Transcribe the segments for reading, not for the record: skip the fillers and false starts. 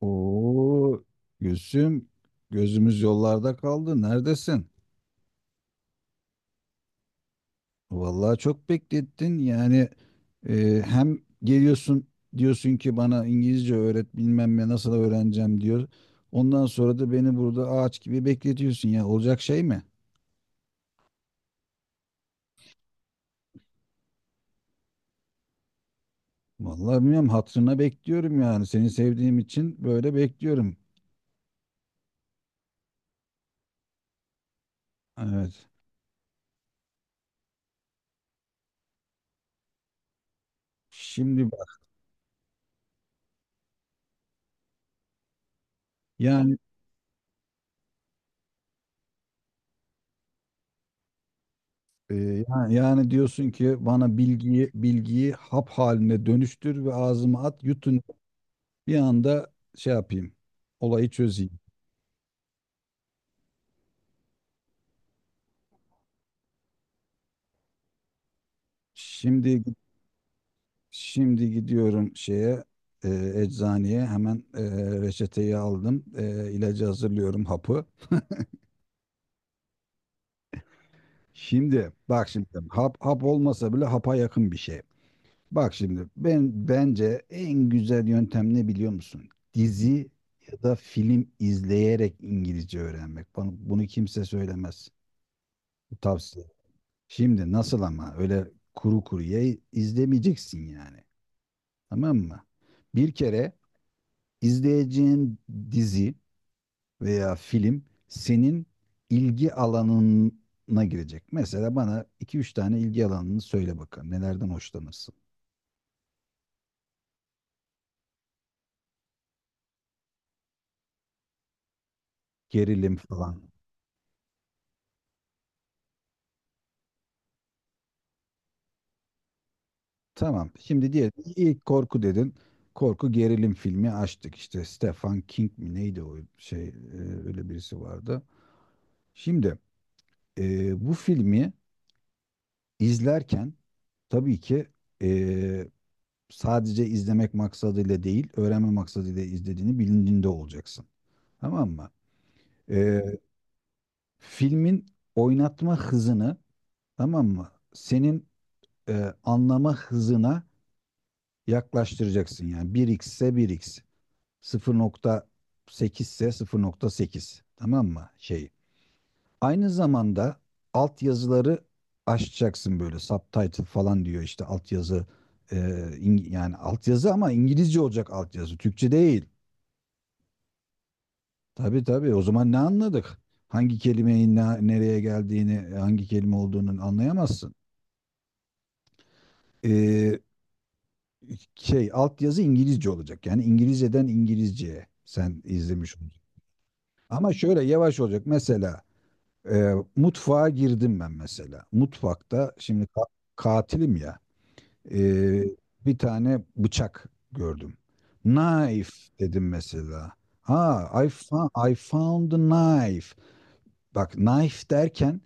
Oo, Gülsüm, gözümüz yollarda kaldı. Neredesin? Vallahi çok beklettin. Yani hem geliyorsun diyorsun ki bana İngilizce öğret bilmem ne nasıl öğreneceğim diyor. Ondan sonra da beni burada ağaç gibi bekletiyorsun ya. Olacak şey mi? Vallahi bilmiyorum, hatırına bekliyorum yani. Seni sevdiğim için böyle bekliyorum. Evet. Şimdi bak, yani yani diyorsun ki bana bilgiyi hap haline dönüştür ve ağzıma at yutun. Bir anda şey yapayım. Olayı çözeyim. Şimdi şimdi gidiyorum şeye, e, eczaneye hemen. Reçeteyi aldım. İlacı hazırlıyorum, hapı. Şimdi bak, şimdi hap hap olmasa bile hapa yakın bir şey. Bak şimdi, ben bence en güzel yöntem ne biliyor musun? Dizi ya da film izleyerek İngilizce öğrenmek. Bunu kimse söylemez. Bu tavsiye. Şimdi nasıl ama, öyle kuru kuruya izlemeyeceksin yani. Tamam mı? Bir kere izleyeceğin dizi veya film senin ilgi alanına girecek. Mesela bana iki üç tane ilgi alanını söyle bakalım. Nelerden hoşlanırsın? Gerilim falan. Tamam. Şimdi diyelim ilk korku dedin. Korku gerilim filmi açtık. İşte Stephen King mi neydi o şey, öyle birisi vardı. Şimdi bu filmi izlerken tabii ki e, sadece izlemek maksadıyla değil, öğrenme maksadıyla izlediğini bilincinde olacaksın. Tamam mı? Ee, filmin oynatma hızını, tamam mı? Senin anlama hızına yaklaştıracaksın. Yani 1x ise 1x, 0.8 ise 0.8. Tamam mı? Şey. Aynı zamanda altyazıları açacaksın, böyle subtitle falan diyor işte, altyazı, e, yani altyazı, ama İngilizce olacak altyazı, Türkçe değil. Tabii tabii. O zaman ne anladık? Hangi kelimenin nereye geldiğini, hangi kelime olduğunu anlayamazsın. Ee, şey, altyazı İngilizce olacak. Yani İngilizceden İngilizceye sen izlemiş olacaksın. Ama şöyle yavaş olacak. Mesela mutfağa girdim ben mesela. Mutfakta şimdi katilim ya. e, Bir tane bıçak gördüm. Knife dedim mesela. Ha, I, I found a knife. Bak, knife derken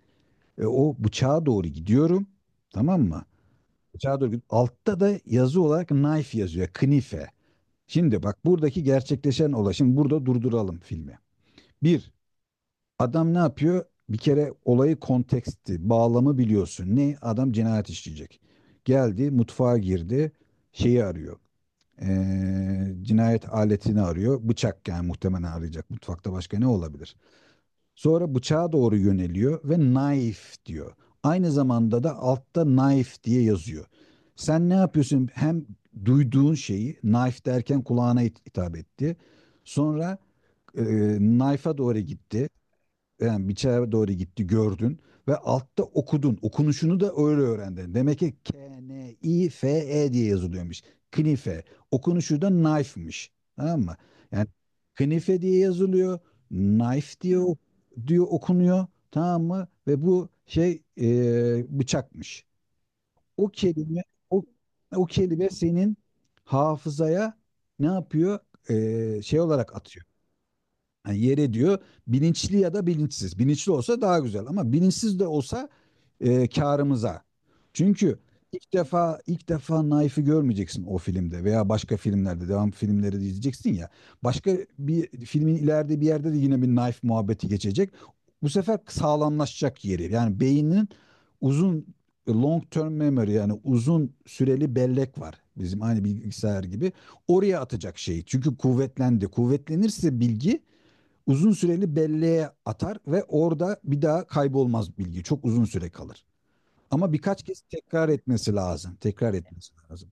O bıçağa doğru gidiyorum. Tamam mı? Bıçağa doğru gidiyorum. Altta da yazı olarak knife yazıyor. Knife. Şimdi bak buradaki gerçekleşen olay. Şimdi burada durduralım filmi. Bir, adam ne yapıyor? Bir kere olayı, konteksti, bağlamı biliyorsun. Ne? Adam cinayet işleyecek. Geldi, mutfağa girdi, şeyi arıyor. Cinayet aletini arıyor. Bıçak yani, muhtemelen arayacak. Mutfakta başka ne olabilir? Sonra bıçağa doğru yöneliyor ve knife diyor. Aynı zamanda da altta knife diye yazıyor. Sen ne yapıyorsun? Hem duyduğun şeyi, knife derken kulağına hitap etti. Sonra e, knife'a doğru gitti, yani biçare doğru gitti, gördün ve altta okudun. Okunuşunu da öyle öğrendin. Demek ki K, N, I, F, E diye yazılıyormuş. Knife. Okunuşu da knife'mış. Tamam mı? Yani knife diye yazılıyor, knife diye diyor, okunuyor. Tamam mı? Ve bu şey, bıçakmış. O kelime o, o kelime senin hafızaya ne yapıyor? Şey olarak atıyor, yani yere diyor, bilinçli ya da bilinçsiz. Bilinçli olsa daha güzel, ama bilinçsiz de olsa karımıza. Çünkü ilk defa ilk defa Naif'i görmeyeceksin o filmde veya başka filmlerde, devam filmleri de izleyeceksin ya. Başka bir filmin ileride bir yerde de yine bir Naif muhabbeti geçecek. Bu sefer sağlamlaşacak yeri. Yani beynin uzun, long term memory, yani uzun süreli bellek var. Bizim aynı bilgisayar gibi. Oraya atacak şeyi. Çünkü kuvvetlendi. Kuvvetlenirse bilgi uzun süreli belleğe atar ve orada bir daha kaybolmaz bilgi. Çok uzun süre kalır. Ama birkaç kez tekrar etmesi lazım. Tekrar etmesi lazım.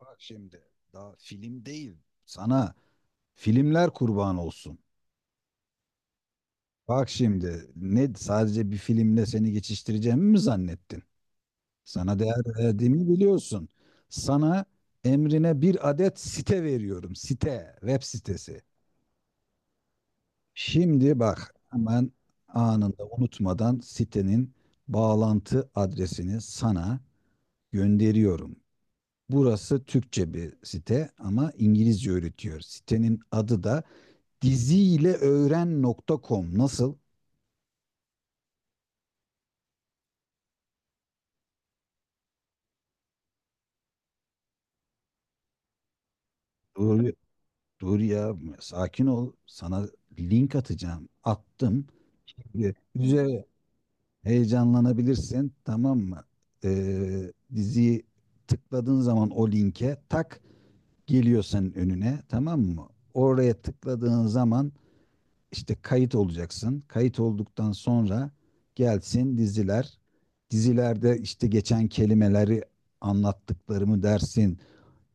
Bak şimdi, daha film değil. Sana filmler kurban olsun. Bak şimdi, ne, sadece bir filmle seni geçiştireceğimi mi zannettin? Sana değer verdiğimi biliyorsun. Sana, emrine bir adet site veriyorum. Site, web sitesi. Şimdi bak, hemen anında unutmadan sitenin bağlantı adresini sana gönderiyorum. Burası Türkçe bir site ama İngilizce öğretiyor. Sitenin adı da diziyleöğren.com. Nasıl? Dur, dur ya, sakin ol. Sana link atacağım. Attım. Güzel, heyecanlanabilirsin, tamam mı? Diziyi tıkladığın zaman o linke tak geliyor senin önüne, tamam mı? Oraya tıkladığın zaman işte kayıt olacaksın. Kayıt olduktan sonra gelsin diziler. Dizilerde işte geçen kelimeleri, anlattıklarımı dersin,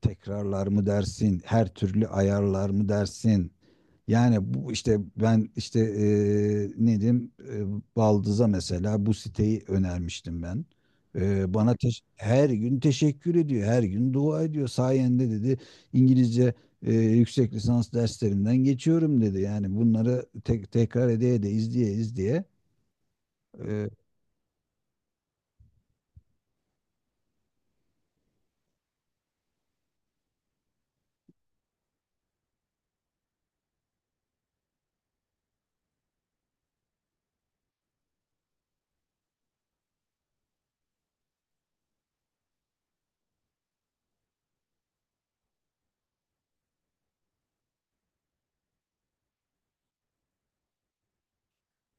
tekrarlar mı dersin, her türlü ayarlar mı dersin? Yani bu işte, ben işte ne diyeyim, Baldız'a mesela bu siteyi önermiştim ben. Bana her gün teşekkür ediyor, her gün dua ediyor. Sayende dedi, İngilizce yüksek lisans derslerinden geçiyorum dedi. Yani bunları tekrar ede ede, izleye izleye eee,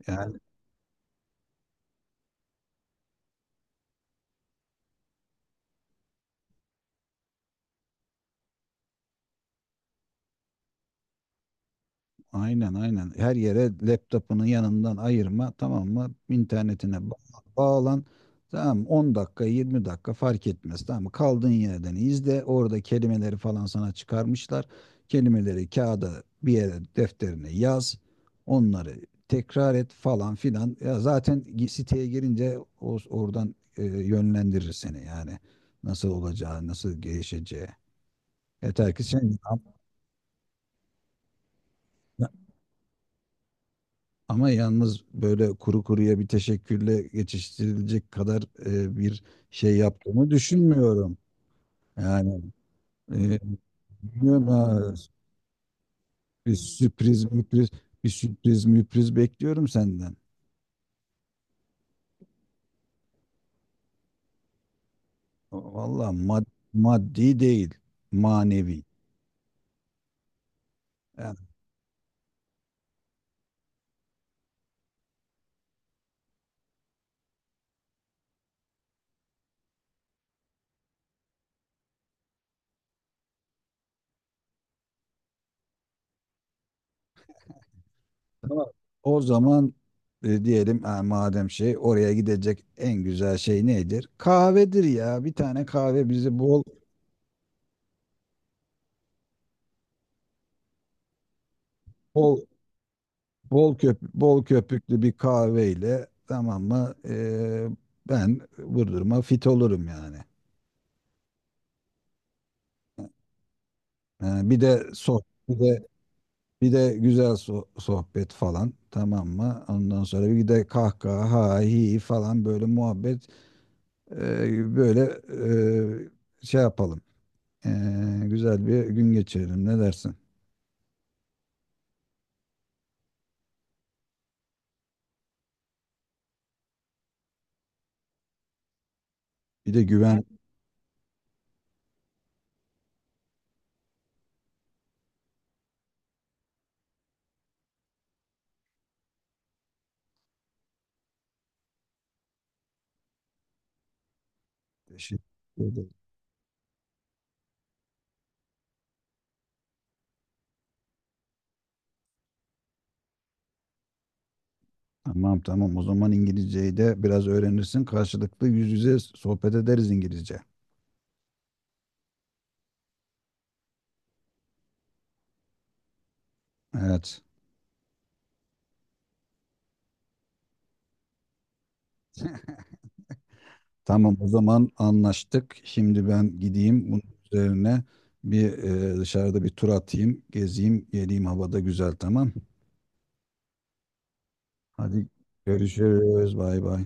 yani, aynen aynen. Her yere laptopunu yanından ayırma, tamam mı? İnternetine bağlan. Tamam mı? 10 dakika, 20 dakika fark etmez. Tamam mı? Kaldığın yerden izle. Orada kelimeleri falan sana çıkarmışlar. Kelimeleri kağıda bir yere, defterine yaz. Onları tekrar et falan filan. Ya zaten siteye girince oradan yönlendirir seni yani. Nasıl olacağı, nasıl gelişeceği. Yeter ki sen yap. Ama yalnız böyle kuru kuruya bir teşekkürle geçiştirilecek kadar bir şey yaptığımı düşünmüyorum. Yani e, bilmiyorum ha, bir sürpriz müpriz bir sürpriz müpriz bekliyorum senden. Valla maddi değil, manevi. Yani, tamam. O zaman diyelim ha, madem şey oraya gidecek en güzel şey nedir? Kahvedir ya. Bir tane kahve bizi bol bol, Bol köp bol köpüklü bir kahveyle, tamam mı? Ben vurdurma fit olurum yani. Yani bir de bir de güzel sohbet falan, tamam mı? Ondan sonra bir de kahkaha ha hi falan, böyle muhabbet, böyle, şey yapalım. Güzel bir gün geçirelim, ne dersin? Bir de güven, şey. Tamam tamam, o zaman İngilizceyi de biraz öğrenirsin. Karşılıklı yüz yüze sohbet ederiz İngilizce. Evet. Tamam o zaman, anlaştık. Şimdi ben gideyim, bunun üzerine dışarıda bir tur atayım, gezeyim, geleyim, havada güzel, tamam. Hadi görüşürüz. Bay bay.